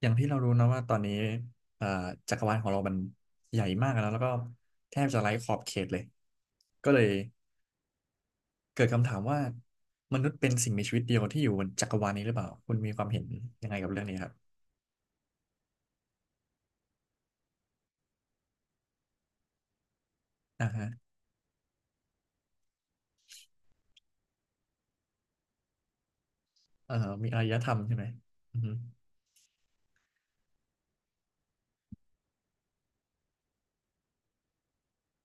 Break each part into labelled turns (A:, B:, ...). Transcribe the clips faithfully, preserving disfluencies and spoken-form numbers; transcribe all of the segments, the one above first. A: อย่างที่เรารู้นะว่าตอนนี้เอ่อจักรวาลของเรามันใหญ่มากแล้วแล้วก็แทบจะไร้ขอบเขตเลยก็เลยเกิดคำถามว่ามนุษย์เป็นสิ่งมีชีวิตเดียวที่อยู่บนจักรวาลนี้หรือเปล่าคุณมีความเห็นยังไงกับเรื่องนี้ครับอ่าฮะเอ่อมีอารยธรรมใช่ไหมอือฮึ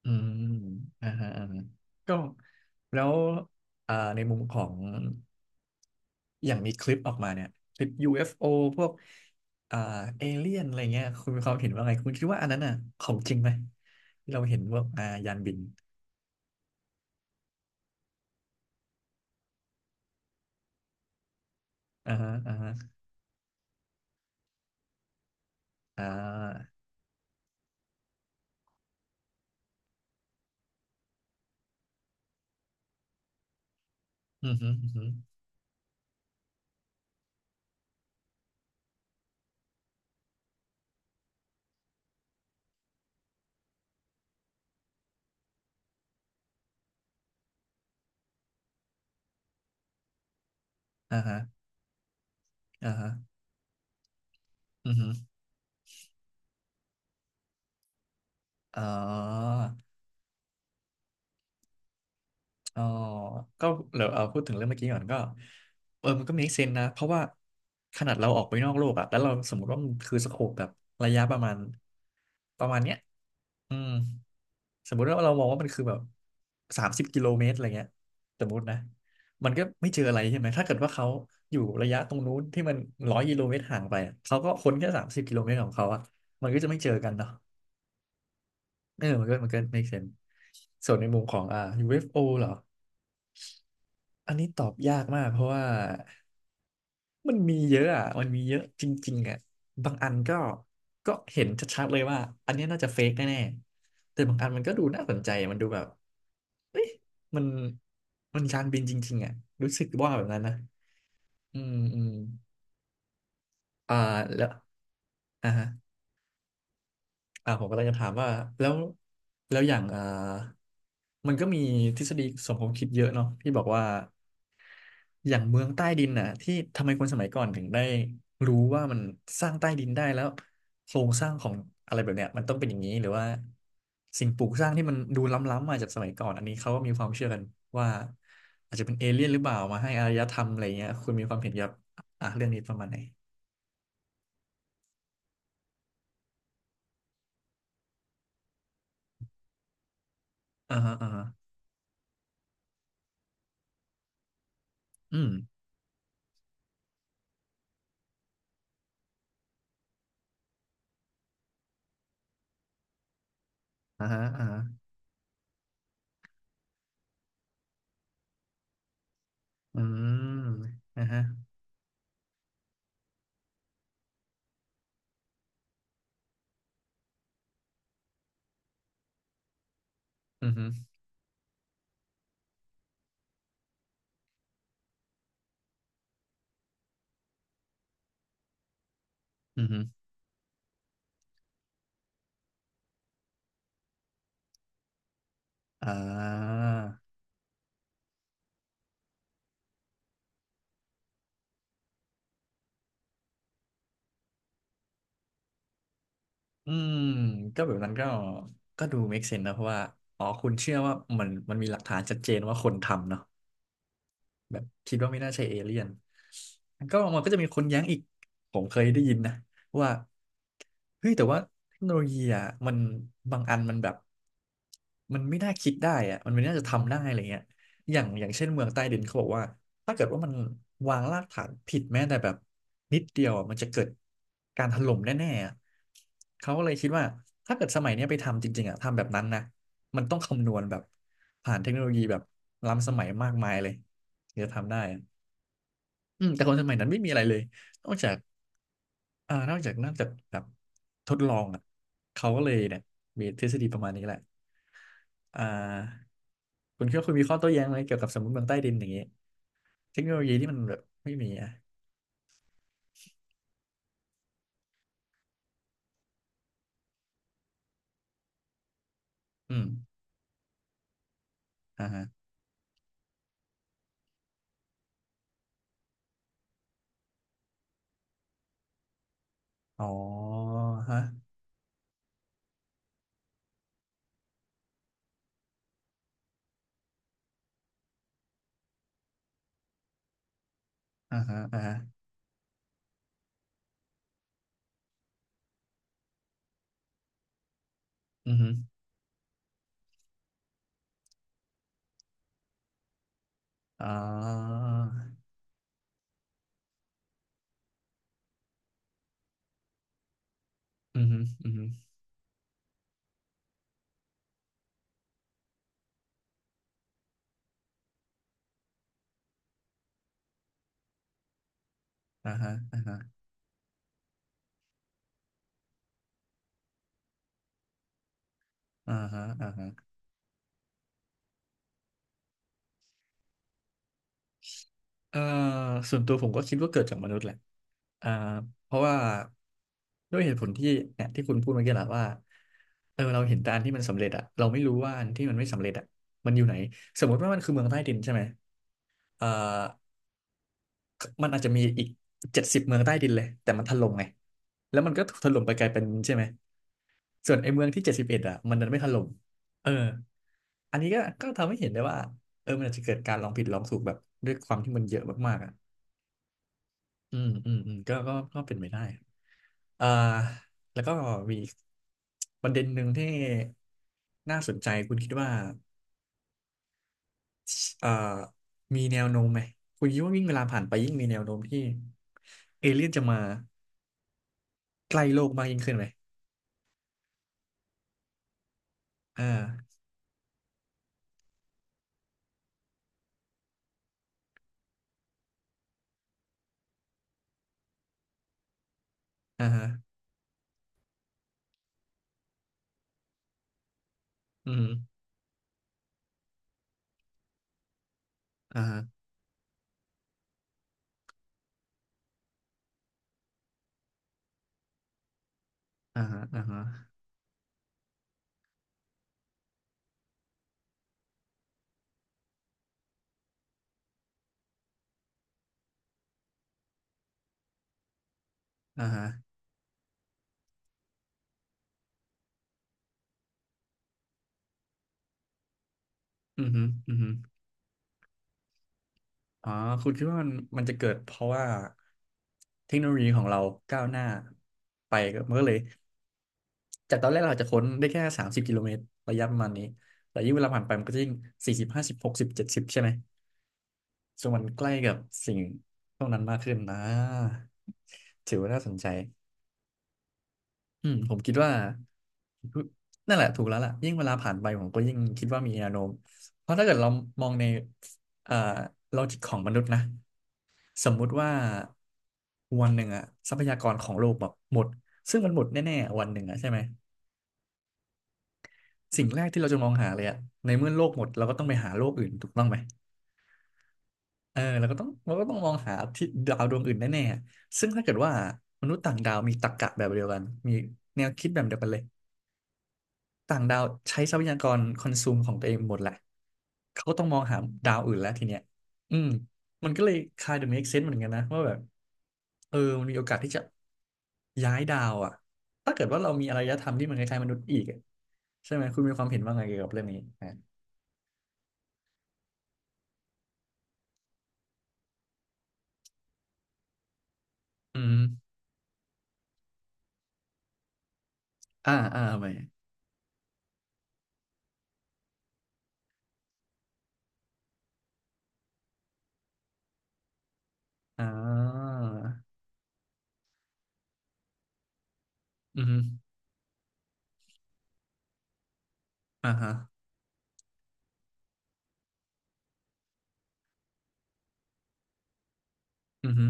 A: อืมอ่าฮะอ่าฮะก็แล้วอ่าในมุมของ อย่างมีคลิปออกมาเนี่ยคลิป ยู เอฟ โอ พวกอ่าเอเลี่ยนอะไรเงี้ยคุณมีความเห็นว่าไงคุณคิดว่าอันนั้นอ่ะของจริงไหมที่เราเห็นว่าอ่ายานบินอ่าฮะอ่าฮะอ่าอือฮึอือฮึอ่าฮะอ่าฮะอือฮึอ๋อ อ๋อก็เดี๋ยวเอาพูดถึงเรื่องเมื่อกี้ก่อนก็เออมันก็ม e เซนนะเพราะว่าขนาดเราออกไปนอกโลกอะแล้วเราสมมติว่ามันคือสโคปแบบระยะประมาณประมาณเนี้ยอืม สมมุติว่าเรามองว่ามันคือแบบสามสิบกิโลเมตรอะไรเงี้ยสมมตินะ มันก็ไม่เจออะไรใช่ไหม ถ้าเกิดว่าเขาอยู่ระยะตรงนู้นที่มันร้อยกิโลเมตรห่างไปอะเขาก็ค้นแค่สามสิบกิโลเมตรของเขาอะมันก็จะไม่เจอกันเนาะเออมันก็มันก็ make sense ส่วนในมุมของอ่า ยู เอฟ โอ เอฟโอเหรอ อันนี้ตอบยากมากเพราะว่ามันมีเยอะอ่ะมันมีเยอะจริงๆอ่ะบางอันก็ก็เห็นชัดๆเลยว่าอันเนี้ยน่าจะเฟกแน่ๆแต่บางอันมันก็ดูน่าสนใจมันดูแบบเอ้ยมันมันยานบินจริงๆอ่ะรู้สึกว่าแบบนั้นนะอืมอืมอ่าแล้วอ่าฮะอ่าผมก็เลยจะถามว่าแล้วแล้วอย่างอ่ามันก็มีทฤษฎีสมคบคิดเยอะเนาะที่บอกว่า อย่างเมืองใต้ดินน่ะที่ทำไมคนสมัยก่อนถึงได้รู้ว่ามันสร้างใต้ดินได้แล้วโครงสร้างของอะไรแบบเนี้ยมันต้องเป็นอย่างนี้หรือว่าสิ่งปลูกสร้างที่มันดูล้ำๆมาจากสมัยก่อนอันนี้เขาก็มีความเชื่อกันว่าอาจจะเป็นเอเลี่ยนหรือเปล่ามาให้อารยธรรมอะไรเงี้ยคุณมีความเห็นเกี่ยวกับอ่ะเรื่องนี้ประมาณไหนอ่าฮะอ่าฮะอืมอ่าฮะอ่าฮะอืมอ่าฮะอืมอฮึอืมอฮึอ่า อืมก็แบบนั้นก็ก็ดู make sense นะเพราะว่าอ๋อคุณเชื่อว่ามันมันมีหลักฐานชัดเจนว่าคนทำเนาะ แบบคิดว่าไม่น่าใช่เอเลี่ยนมันก็มันก็จะมีคนแย้งอีกผมเคยได้ยินนะว่าเฮ้ยแต่ว่าเทคโนโลยีอ่ะมันบางอันมันแบบมันไม่น่าคิดได้อ่ะมันไม่น่าจะทำได้อะไรเงี้ยอย่างอย่างเช่นเมืองใต้ดินเขาบอกว่าถ้าเกิดว่ามันวางรากฐานผิดแม้แต่แบบนิดเดียวอะมันจะเกิดการถล่มแน่ๆอะเขาก็เลยคิดว่าถ้าเกิดสมัยเนี้ยไปทำจริงๆอ่ะทำแบบนั้นนะ มันต้องคำนวณแบบผ่านเทคโนโลยีแบบล้ำสมัยมากมายเลยถึงจะทำได้อะอืมแต่คนสมัยนั้นไม่มีอะไรเลยนอกจากอ่านอกจากนอกจากแบบทดลองอ่ะเขาก็เลยเนี่ยมีทฤษฎีประมาณนี้แหละอ่าคุณคิดว่าคุณมีข้อโต้แย้งไหมเกี่ยวกับสมมติเมืองใต้ดินอย่างเงี้ยเทคโนโลยีที่มันแบบไม่มีอ่ะอืมอ่าฮะอ๋อฮะอ่าฮะอ่าฮะอือฮึอ่าอือฮึอือฮึอ่าฮะอ่าฮะอ่าฮะอ่าฮะ เอ่อส่วนตัวผมก็คิดว่าเกิดจากมนุษย์แหละอ่าเพราะว่าด้วยเหตุผลที่เนี่ยที่คุณพูดเมื่อกี้แหละว่าเออเราเห็นแต่อันที่มันสำเร็จอะเราไม่รู้ว่าอันที่มันไม่สำเร็จอะมันอยู่ไหนสมมติว่ามันคือเมืองใต้ดินใช่ไหมเอ่อมันอาจจะมีอีกเจ็ดสิบเมืองใต้ดินเลยแต่มันถล่มไงแล้วมันก็ถูกถล่มไปไกลเป็นใช่ไหมส่วนไอ้เมืองที่เจ็ดสิบเอ็ดอะมันดันไม่ถล่มเอออันนี้ก็ก็ทำให้เห็นได้ว่าเออมันอาจจะเกิดการลองผิดลองถูกแบบด้วยความที่มันเยอะมากๆอะ อืมอืมอืมก็ก็ก็เป็นไปได้อ่าแล้วก็มีอีกประเด็นหนึ่งที่น่าสนใจคุณคิดว่าเอ่อมีแนวโน้มไหมคุณคิดว่ายิ่งเวลาผ่านไปยิ่งมีแนวโน้มที่เอเลี่ยนจะมาใกล้โลกมากยิ่งขึ้นไหมอ่าอ่าฮะอืมอ่าฮะอ่าฮะอ่าฮะอ่าฮะอืมฮึอืมฮึอ๋อคุณคิดว่ามันมันจะเกิดเพราะว่าเทคโนโลยีของเราก้าวหน้าไปก็มันก็เลย จากตอนแรกเราอาจจะค้นได้แค่สามสิบกิโลเมตรระยะประมาณนี้ แต่ยิ่งเวลาผ่านไปมันก็จะยิ่งสี่สิบห้าสิบหกสิบเจ็ดสิบใช่ไหมซึ่งมันใกล้กับสิ่งพวกนั้นมากขึ้นนะ ถือว่าน่าสนใจอืมผมคิดว่า นั่นแหละถูกแล้วล่ะยิ่งเวลาผ่านไปผมก็ยิ่งคิดว่ามีแนวโน้มเพราะถ้าเกิดเรามองในเอ่อลอจิกของมนุษย์นะ สมมุติว่าวันหนึ่งอะทรัพยากรของโลกแบบหมดซึ่งมันหมดแน่ๆวันหนึ่งอะใช่ไหม สิ่งแรกที่เราจะมองหาเลยอะในเมื่อโลกหมดเราก็ต้องไปหาโลกอื่นถูกต้องไหมเออเราก็ต้องเราก็ต้องมองหาที่ดาวดวงอื่นแน่ๆซึ่งถ้าเกิดว่ามนุษย์ต่างดาวมีตรรกะแบบเดียวกันมีแนวคิดแบบเดียวกันเลยต่างดาวใช้ทรัพยากรคอนซูมของตัวเองหมดแหละเขาก็ต้องมองหาดาวอื่นแล้วทีเนี้ยอืมมันก็เลย kind of make sense เหมือนกันนะว่าแบบเออมันมีโอกาสที่จะย้ายดาวอ่ะถ้าเกิดว่าเรามีอารยธรรมที่มันคล้ายๆมนุษย์อีกอะใช่ไหมคุณมีความเห็นว่าไงเกี่ยวกับเรื่องนี้อ่ะอืม อ่าอ่าไปอ่าอือฮึอ่าฮะอือฮึ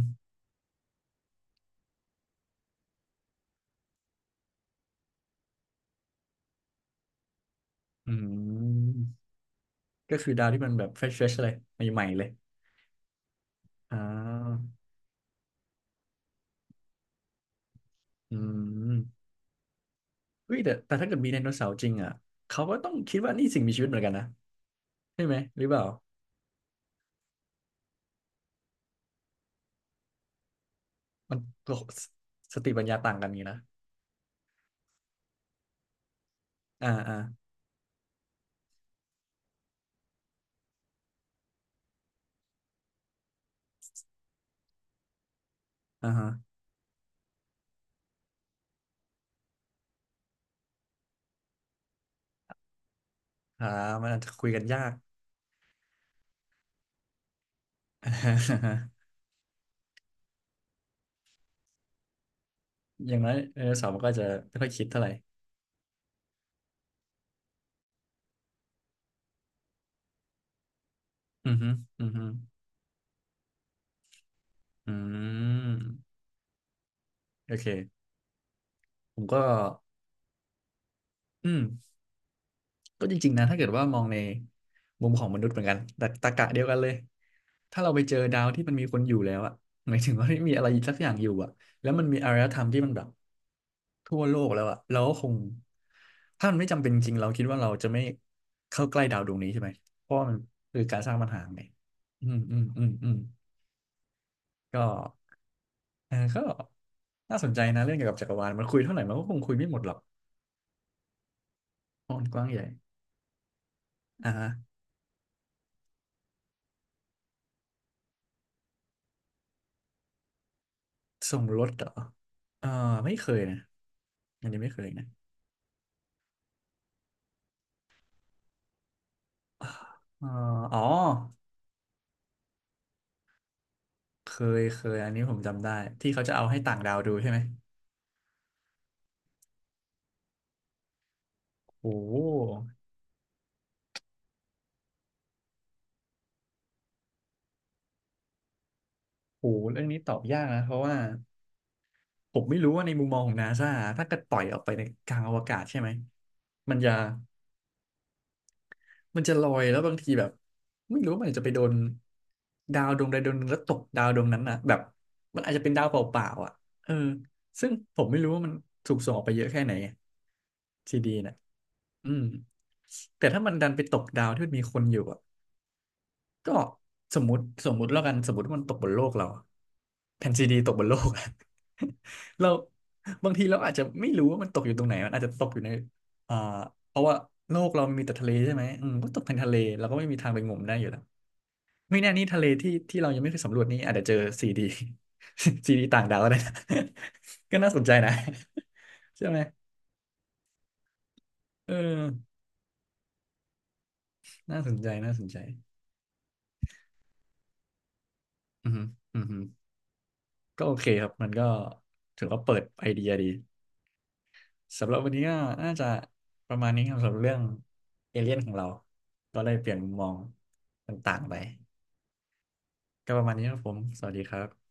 A: อืมก็คือดาวที่มันแบบเฟรชเฟรชเลยใหม่ๆเลยอ่าอืมเฮ้ยแต่แต่ถ้าเกิดมีไดโนเสาร์จริงอ่ะเขาก็ต้องคิดว่านี่สิ่งมีชีวิตเหมือนกันนะใช่ไหมหรือเปล่ามันตัวสติปัญญาต่างกันนี่นะอ่าอ่าอ่าฮะอ่ามันอาจจะคุยกันยาก อย่างน้อยไดโนเสาร์มันก็จะไม่ค่อยคิดเท่าไหร่อือฮึอือฮึอืมโอเคผมก็อืม ก็จริงๆนะถ้าเกิดว่ามองในมุมของมนุษย์เหมือนกันแต่ตรรกะเดียวกันเลยถ้าเราไปเจอดาวที่มันมีคนอยู่แล้วอะหมายถึงว่าไม่มีอะไรสักอย่างอยู่อะแล้วมันมีอารยธรรมที่มันแบบทั่วโลกแล้วอะเราก็คงถ้ามันไม่จำเป็นจริงเราคิดว่าเราจะไม่เข้าใกล้ดาวดวงนี้ใช่ไหมเพราะว่ามันคือการสร้างปัญหาไงอืมอืมอืมอืมก็เออก็น่าสนใจนะเรื่องเกี่ยวกับจักรวาลมันคุยเท่าไหร่มันก็คงคุยไม่หมดหรอกเพราะมันกว้างใหญ่อ่าฮะส่งรถเหรอเออไม่เคยนะ อันนี้ไม่เคยนะเอ๋ออ๋อ เคยเคยอันนี้ผมจำได้ ที่เขาจะเอาให้ต่างดาวดูใช่ไหมโอ้โหโอ้โหเรื่องนี้ตอบยากนะ เพราะว่าผมไม่รู้ว่าในมุมมองของนาซาถ้าเกิดปล่อยออกไปในกลางอวกาศใช่ไหมมันจะ มันจะลอยแล้วบางทีแบบไม่รู้ว่ามันอาจจะไปโดนดาวดวงใดดวงหนึ่งแล้วตกดาวดวงนั้นน่ะแบบมันอาจจะเป็นดาวเปล่าๆอ่ะเออซึ่งผมไม่รู้ว่ามันถูกส่งออกไปเยอะแค่ไหนซีดีน่ะอืมแต่ถ้ามันดันไปตกดาวที่มันมีคนอยู่อ่ะ ก็สมมติสมมุติแล้วกันสมมติว่ามันตกบนโลกเราอะแผ่นซีดีตกบนโลกอะ เราบางทีเราอาจจะไม่รู้ว่ามันตกอยู่ตรงไหนมันอาจจะตกอยู่ในอ่าเพราะว่าโลกเรามีแต่ทะเลใช่ไหมอืมก็ตกเป็นทะเลเราก็ไม่มีทางไปงมได้อยู่แล้วไม่แน่นี่ทะเลที่ที่เรายังไม่เคยสำรวจนี่อาจจะเจอซีดี ซีดีต่างดาวก็ได้นะ ก็น่าสนใจนะ ใช่ไหมเออน่าสนใจน่าสนใจอือฮึอือฮึก็โอเคครับมันก็ถือว่าเปิดไอเดียดี สำหรับวันนี้ก็น่าจะประมาณนี้ครับสำหรับเรื่องเอเลี่ยนของเราก็ได้เปลี่ยนมุมมองต่างๆไปก็ประมาณนี้ครับผมสวัสดีครับ